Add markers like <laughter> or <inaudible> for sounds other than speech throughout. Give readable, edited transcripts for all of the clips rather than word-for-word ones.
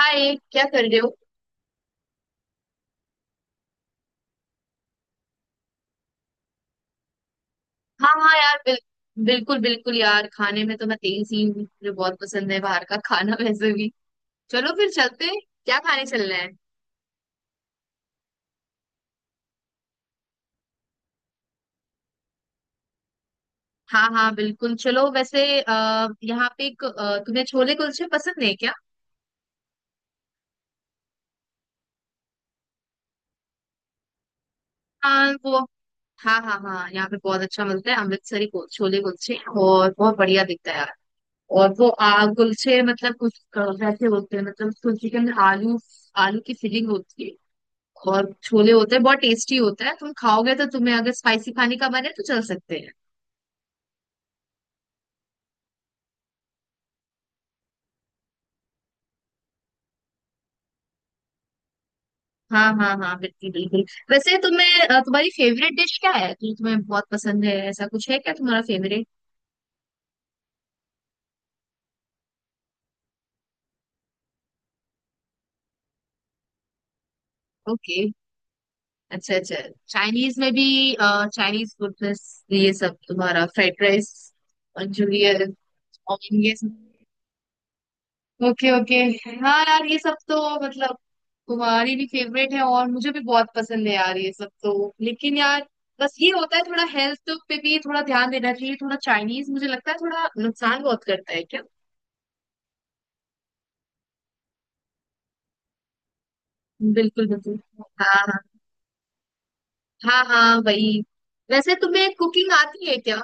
हाय, क्या कर रहे हो? हाँ हाँ यार, बिल्कुल बिल्कुल यार, खाने में तो मैं तेज ही हूँ। मुझे बहुत पसंद है बाहर का खाना वैसे भी। चलो फिर चलते हैं, क्या खाने चलना है? हाँ हाँ बिल्कुल चलो। वैसे अः यहाँ पे एक तुम्हें छोले कुलचे पसंद है क्या? हाँ वो, हाँ हाँ हाँ, यहाँ पे बहुत अच्छा मिलता है अमृतसरी छोले कुलचे। और बहुत बढ़िया दिखता है यार। और वो आ कुलचे मतलब कुछ वैसे होते हैं, मतलब कुलचे के अंदर आलू, आलू की फिलिंग होती है और छोले होते हैं। बहुत टेस्टी होता है, तुम खाओगे तो। तुम्हें अगर स्पाइसी खाने का मन है तो चल सकते हैं। हाँ हाँ हाँ बिल्कुल बिल्कुल। वैसे तुम्हारी फेवरेट डिश क्या है जो तुम्हें बहुत पसंद है? ऐसा कुछ है क्या तुम्हारा फेवरेट? ओके। अच्छा अच्छा। चाइनीज में भी, चाइनीज फूड, ये सब तुम्हारा फ्राइड राइस, मंचूरियन और ये सब? Okay okay. हाँ यार, ये सब तो मतलब तुम्हारी भी फेवरेट है और मुझे भी बहुत पसंद है यार ये सब तो। लेकिन यार बस ये होता है, थोड़ा हेल्थ पे भी थोड़ा ध्यान देना चाहिए। थोड़ा चाइनीज मुझे लगता है थोड़ा नुकसान बहुत करता है क्या? बिल्कुल बिल्कुल। हाँ हाँ। हाँ हाँ वही। वैसे तुम्हें कुकिंग आती है क्या?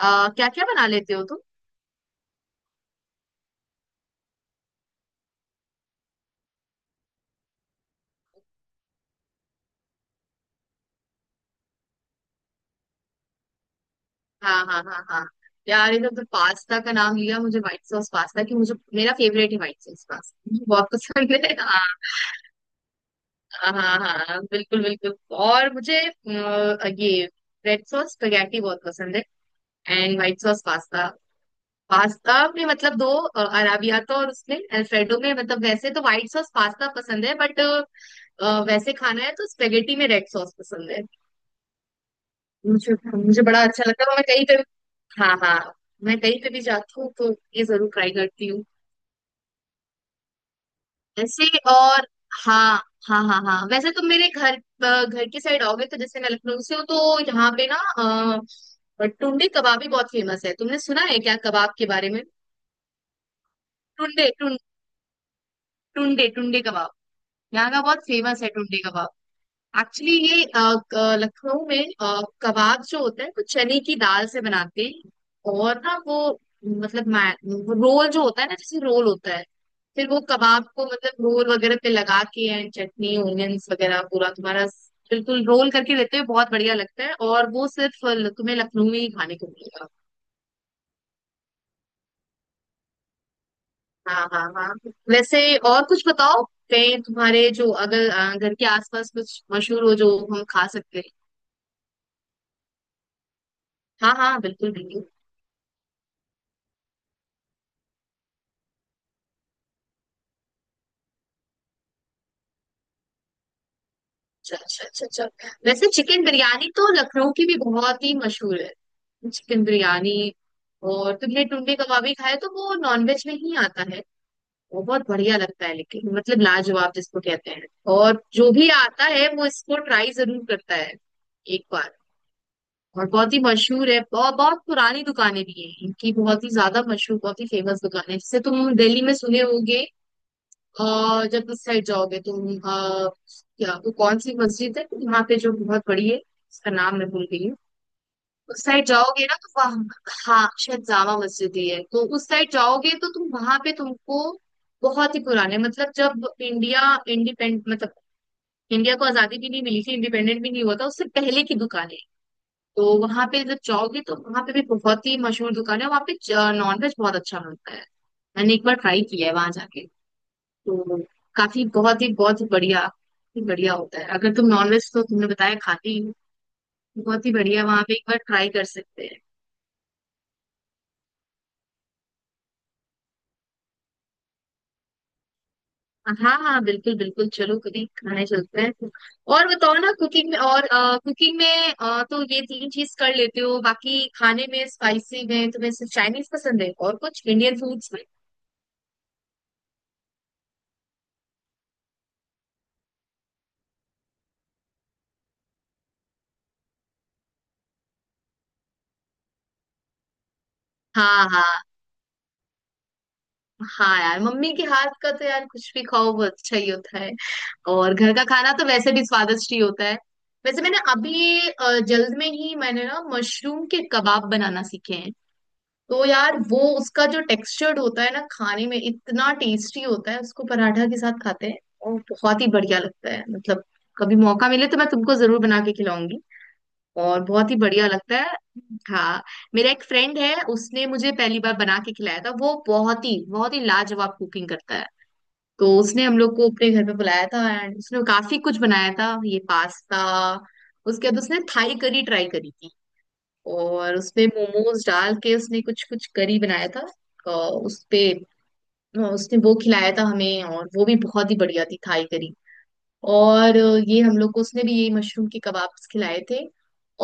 क्या क्या बना लेते हो तुम? हाँ हाँ हाँ हाँ। यार ये तो पास्ता का नाम लिया, मुझे व्हाइट सॉस पास्ता, कि मुझे मेरा फेवरेट है व्हाइट सॉस पास्ता, मुझे बहुत पसंद है। हाँ हाँ हाँ हाँ बिल्कुल बिल्कुल। और ये रेड सॉस स्पेगेटी बहुत पसंद है। And white sauce pasta, pasta में मतलब दो, अराबियाता और उसमें अल्फ्रेडो में, मतलब वैसे तो व्हाइट सॉस पास्ता पसंद है बट वैसे खाना है तो स्पेगेटी में रेड सॉस पसंद है। मुझे मुझे बड़ा अच्छा लगता है। और मैं कहीं पे, हाँ हाँ, मैं कहीं पे भी जाती हूँ तो ये जरूर ट्राई करती हूँ ऐसे। और हाँ हाँ हाँ हाँ, वैसे तुम मेरे घर की साइड आओगे तो, जैसे मैं लखनऊ से हूँ तो यहाँ पे ना, टुंडे कबाब भी बहुत फेमस है। तुमने सुना है क्या कबाब के बारे में? टुंडे टुं, टुंडे टुंडे कबाब, यहाँ का बहुत फेमस है टुंडे कबाब। एक्चुअली ये लखनऊ में कबाब जो होता है वो चने की दाल से बनाते हैं। और ना वो, मतलब मै- वो रोल जो होता है ना, जैसे रोल होता है, फिर वो कबाब को मतलब रोल वगैरह पे लगा के एंड चटनी ओनियंस वगैरह पूरा तुम्हारा बिल्कुल रोल करके देते हैं। बहुत बढ़िया लगता है। और वो सिर्फ तुम्हें लखनऊ में ही खाने को मिलेगा। हाँ हाँ हाँ। वैसे और कुछ बताओ, कहीं तुम्हारे जो अगर घर के आसपास कुछ मशहूर हो जो हम खा सकते हैं? हाँ हाँ बिल्कुल बिल्कुल। अच्छा अच्छा अच्छा अच्छा, वैसे चिकन बिरयानी तो लखनऊ की भी बहुत ही मशहूर है, चिकन बिरयानी। और तुमने टुंडे कबाबी खाए तो वो नॉनवेज में ही आता है। वो बहुत बढ़िया लगता है, लेकिन मतलब लाजवाब जिसको कहते हैं। और जो भी आता है वो इसको ट्राई जरूर करता है, एक बार। और बहुत ही मशहूर है, बहुत बहुत पुरानी दुकानें भी हैं इनकी, बहुत ही ज्यादा मशहूर, बहुत ही फेमस दुकान है, जैसे तुम दिल्ली में सुने होगे। और जब उस साइड जाओगे क्या वो कौन सी मस्जिद है यहाँ पे जो बहुत बड़ी है, उसका नाम मैं भूल गई हूँ। उस साइड जाओगे ना तो वहाँ, हाँ, शायद जामा मस्जिद ही है। तो उस साइड जाओगे तो तुम वहां पे, तुमको बहुत ही पुराने, मतलब जब इंडिया इंडिपेंड मतलब इंडिया को आजादी भी नहीं मिली थी, इंडिपेंडेंट भी नहीं हुआ था, उससे पहले की दुकानें। तो वहां पे जब जाओगे तो वहां पे भी बहुत ही मशहूर दुकान है, वहां पे नॉनवेज बहुत अच्छा मिलता है। मैंने एक बार ट्राई किया है वहां जाके, तो काफी बहुत ही बढ़िया, ही बढ़िया होता है। अगर तुम नॉनवेज, तो तुमने बताया खाती हो, बहुत ही बढ़िया वहां पे, एक बार ट्राई कर सकते हैं। हाँ हाँ बिल्कुल बिल्कुल, चलो कभी खाने चलते हैं। और बताओ ना कुकिंग में, और कुकिंग में तो ये तीन चीज कर लेते हो, बाकी खाने में स्पाइसी में तुम्हें सिर्फ चाइनीज पसंद है, और कुछ इंडियन फूड्स में? हाँ हाँ हाँ। यार मम्मी के हाथ का तो यार कुछ भी खाओ वो अच्छा ही होता है। और घर का खाना तो वैसे भी स्वादिष्ट ही होता है। वैसे मैंने अभी जल्द में ही मैंने ना मशरूम के कबाब बनाना सीखे हैं। तो यार वो उसका जो टेक्सचर्ड होता है ना खाने में, इतना टेस्टी होता है। उसको पराठा के साथ खाते हैं और बहुत ही बढ़िया लगता है मतलब। कभी मौका मिले तो मैं तुमको जरूर बना के खिलाऊंगी। और बहुत ही बढ़िया लगता है। हाँ, मेरा एक फ्रेंड है, उसने मुझे पहली बार बना के खिलाया था। वो बहुत ही लाजवाब कुकिंग करता है। तो उसने हम लोग को अपने घर पे बुलाया था एंड उसने काफी कुछ बनाया था, ये पास्ता। उसके बाद उसने थाई करी ट्राई करी थी, और उसपे मोमोज डाल के उसने कुछ कुछ करी बनाया था। अ, उस पे उसने वो खिलाया था हमें, और वो भी बहुत ही बढ़िया थी थाई करी। और ये हम लोग को उसने भी यही मशरूम के कबाब्स खिलाए थे।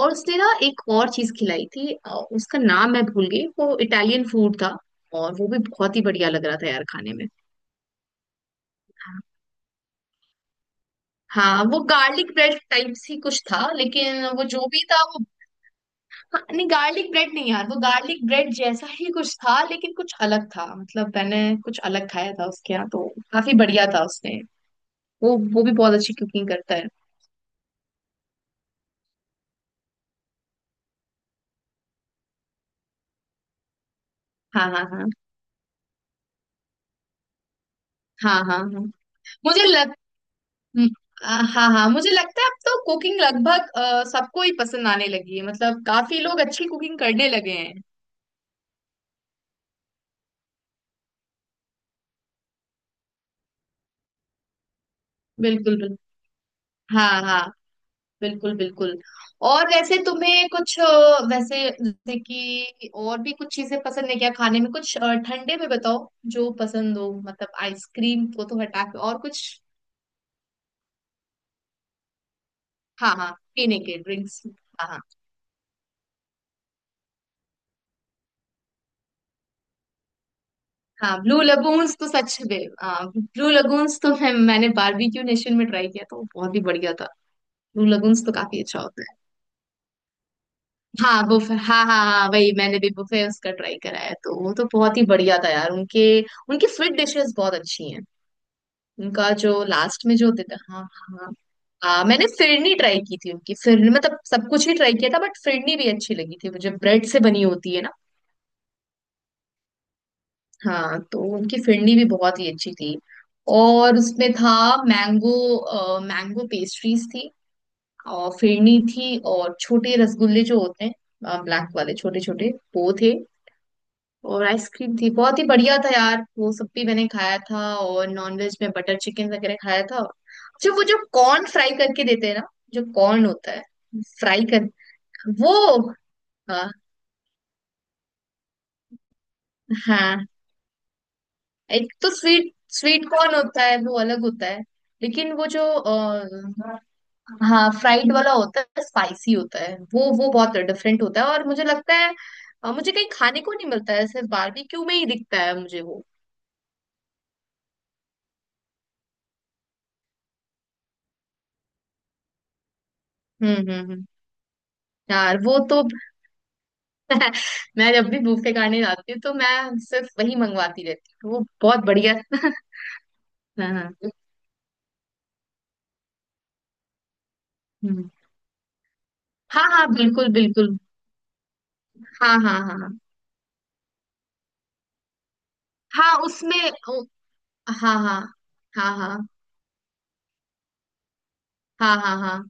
और उसने ना एक और चीज खिलाई थी, उसका नाम मैं भूल गई, वो इटालियन फूड था। और वो भी बहुत ही बढ़िया लग रहा था यार खाने में। हाँ, वो गार्लिक ब्रेड टाइप ही कुछ था, लेकिन वो जो भी था वो, हाँ, नहीं गार्लिक ब्रेड नहीं यार, वो गार्लिक ब्रेड जैसा ही कुछ था लेकिन कुछ अलग था। मतलब मैंने कुछ अलग खाया था उसके यहाँ तो, काफी बढ़िया था उसने। वो भी बहुत अच्छी कुकिंग करता है। हाँ हाँ हाँ हाँ हाँ हाँ। मुझे लग हम्म, हाँ हाँ मुझे लगता है अब तो कुकिंग लगभग सबको ही पसंद आने लगी है। मतलब काफी लोग अच्छी कुकिंग करने लगे हैं। बिल्कुल बिल्कुल। हाँ हाँ बिल्कुल बिल्कुल। और वैसे वैसे जैसे कि और भी कुछ चीजें पसंद है क्या खाने में, ठंडे में बताओ, जो पसंद हो, मतलब आइसक्रीम को तो हटा के और कुछ। हाँ हाँ पीने के ड्रिंक्स। हाँ हाँ हाँ। ब्लू लगून्स तो सच में, ब्लू लगून्स तो मैंने बारबेक्यू नेशन में ट्राई किया तो बहुत ही बढ़िया था। ब्लू लगून्स तो काफी अच्छा होता है। हाँ बुफे, हाँ हाँ हाँ, वही मैंने भी बुफे उसका ट्राई करा है, तो वो तो बहुत ही बढ़िया था यार उनके। उनकी स्वीट डिशेस बहुत अच्छी हैं। उनका जो लास्ट में जो होते थे, हाँ हाँ हाँ। मैंने फिरनी ट्राई की थी उनकी। फिरनी मतलब सब कुछ ही ट्राई किया था बट फिरनी भी अच्छी लगी थी मुझे, ब्रेड से बनी होती है ना। हाँ, तो उनकी फिरनी भी बहुत ही अच्छी थी। और उसमें था मैंगो, मैंगो पेस्ट्रीज थी और फिरनी थी, और छोटे रसगुल्ले जो होते हैं ब्लैक वाले, छोटे छोटे वो थे, और आइसक्रीम थी। बहुत ही बढ़िया था यार वो सब भी मैंने खाया था। और नॉनवेज में बटर चिकन वगैरह खाया था। अच्छा वो जो कॉर्न फ्राई करके देते हैं ना, जो कॉर्न होता है, फ्राई कर, वो, हाँ हाँ, एक तो स्वीट, स्वीट कॉर्न होता है वो अलग होता है, लेकिन वो जो, हाँ फ्राइड वाला होता है, स्पाइसी होता है वो बहुत डिफरेंट होता है। और मुझे लगता है मुझे कहीं खाने को नहीं मिलता है, सिर्फ बारबेक्यू में ही दिखता है मुझे वो। हम्म। यार वो तो <laughs> मैं जब भी बुफे खाने जाती हूँ तो मैं सिर्फ वही मंगवाती रहती हूँ, वो बहुत बढ़िया। <laughs> हाँ हाँ। हम्म। हाँ हाँ बिल्कुल बिल्कुल। हाँ हाँ हाँ हाँ। हाँ, उसमें, ओ, हाँ हाँ। हाँ हाँ। हाँ हाँ हाँ हाँ।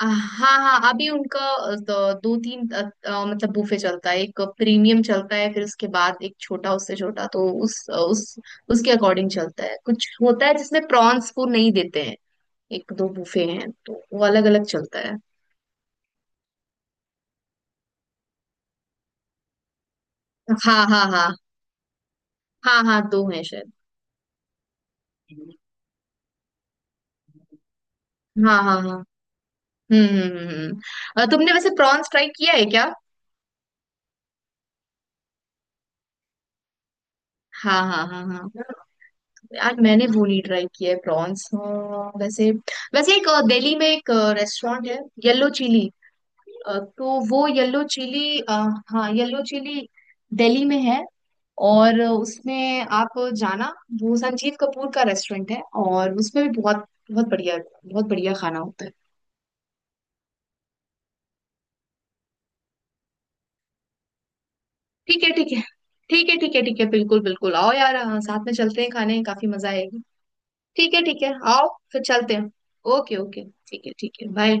हाँ हाँ अभी दो तीन अ, अ, मतलब बूफे चलता है, एक प्रीमियम चलता है, फिर उसके बाद एक छोटा, उससे छोटा, तो उस अ, उस उसके अकॉर्डिंग चलता है। कुछ होता है जिसमें प्रॉन्स को नहीं देते हैं, एक दो बूफे हैं, तो वो अलग अलग चलता है। हाँ हाँ हाँ हाँ। हाँ दो हैं शायद। हाँ हाँ हाँ। तुमने वैसे प्रॉन्स ट्राई किया है क्या? हाँ हाँ हाँ हाँ। यार मैंने वो नहीं ट्राई किया है, प्रॉन्स। वैसे, वैसे एक दिल्ली में एक रेस्टोरेंट है, येलो चिली, तो वो येलो चिली, हाँ येलो चिली, दिल्ली में है। और उसमें आप जाना, वो संजीव कपूर का रेस्टोरेंट है। और उसमें भी बहुत बहुत बढ़िया, बहुत बढ़िया खाना होता है। ठीक है ठीक है। ठीक है ठीक है ठीक है बिल्कुल बिल्कुल आओ यार। हाँ, साथ में चलते हैं खाने, काफी मजा आएगी। ठीक है आओ, फिर चलते हैं। ओके ओके ठीक है बाय।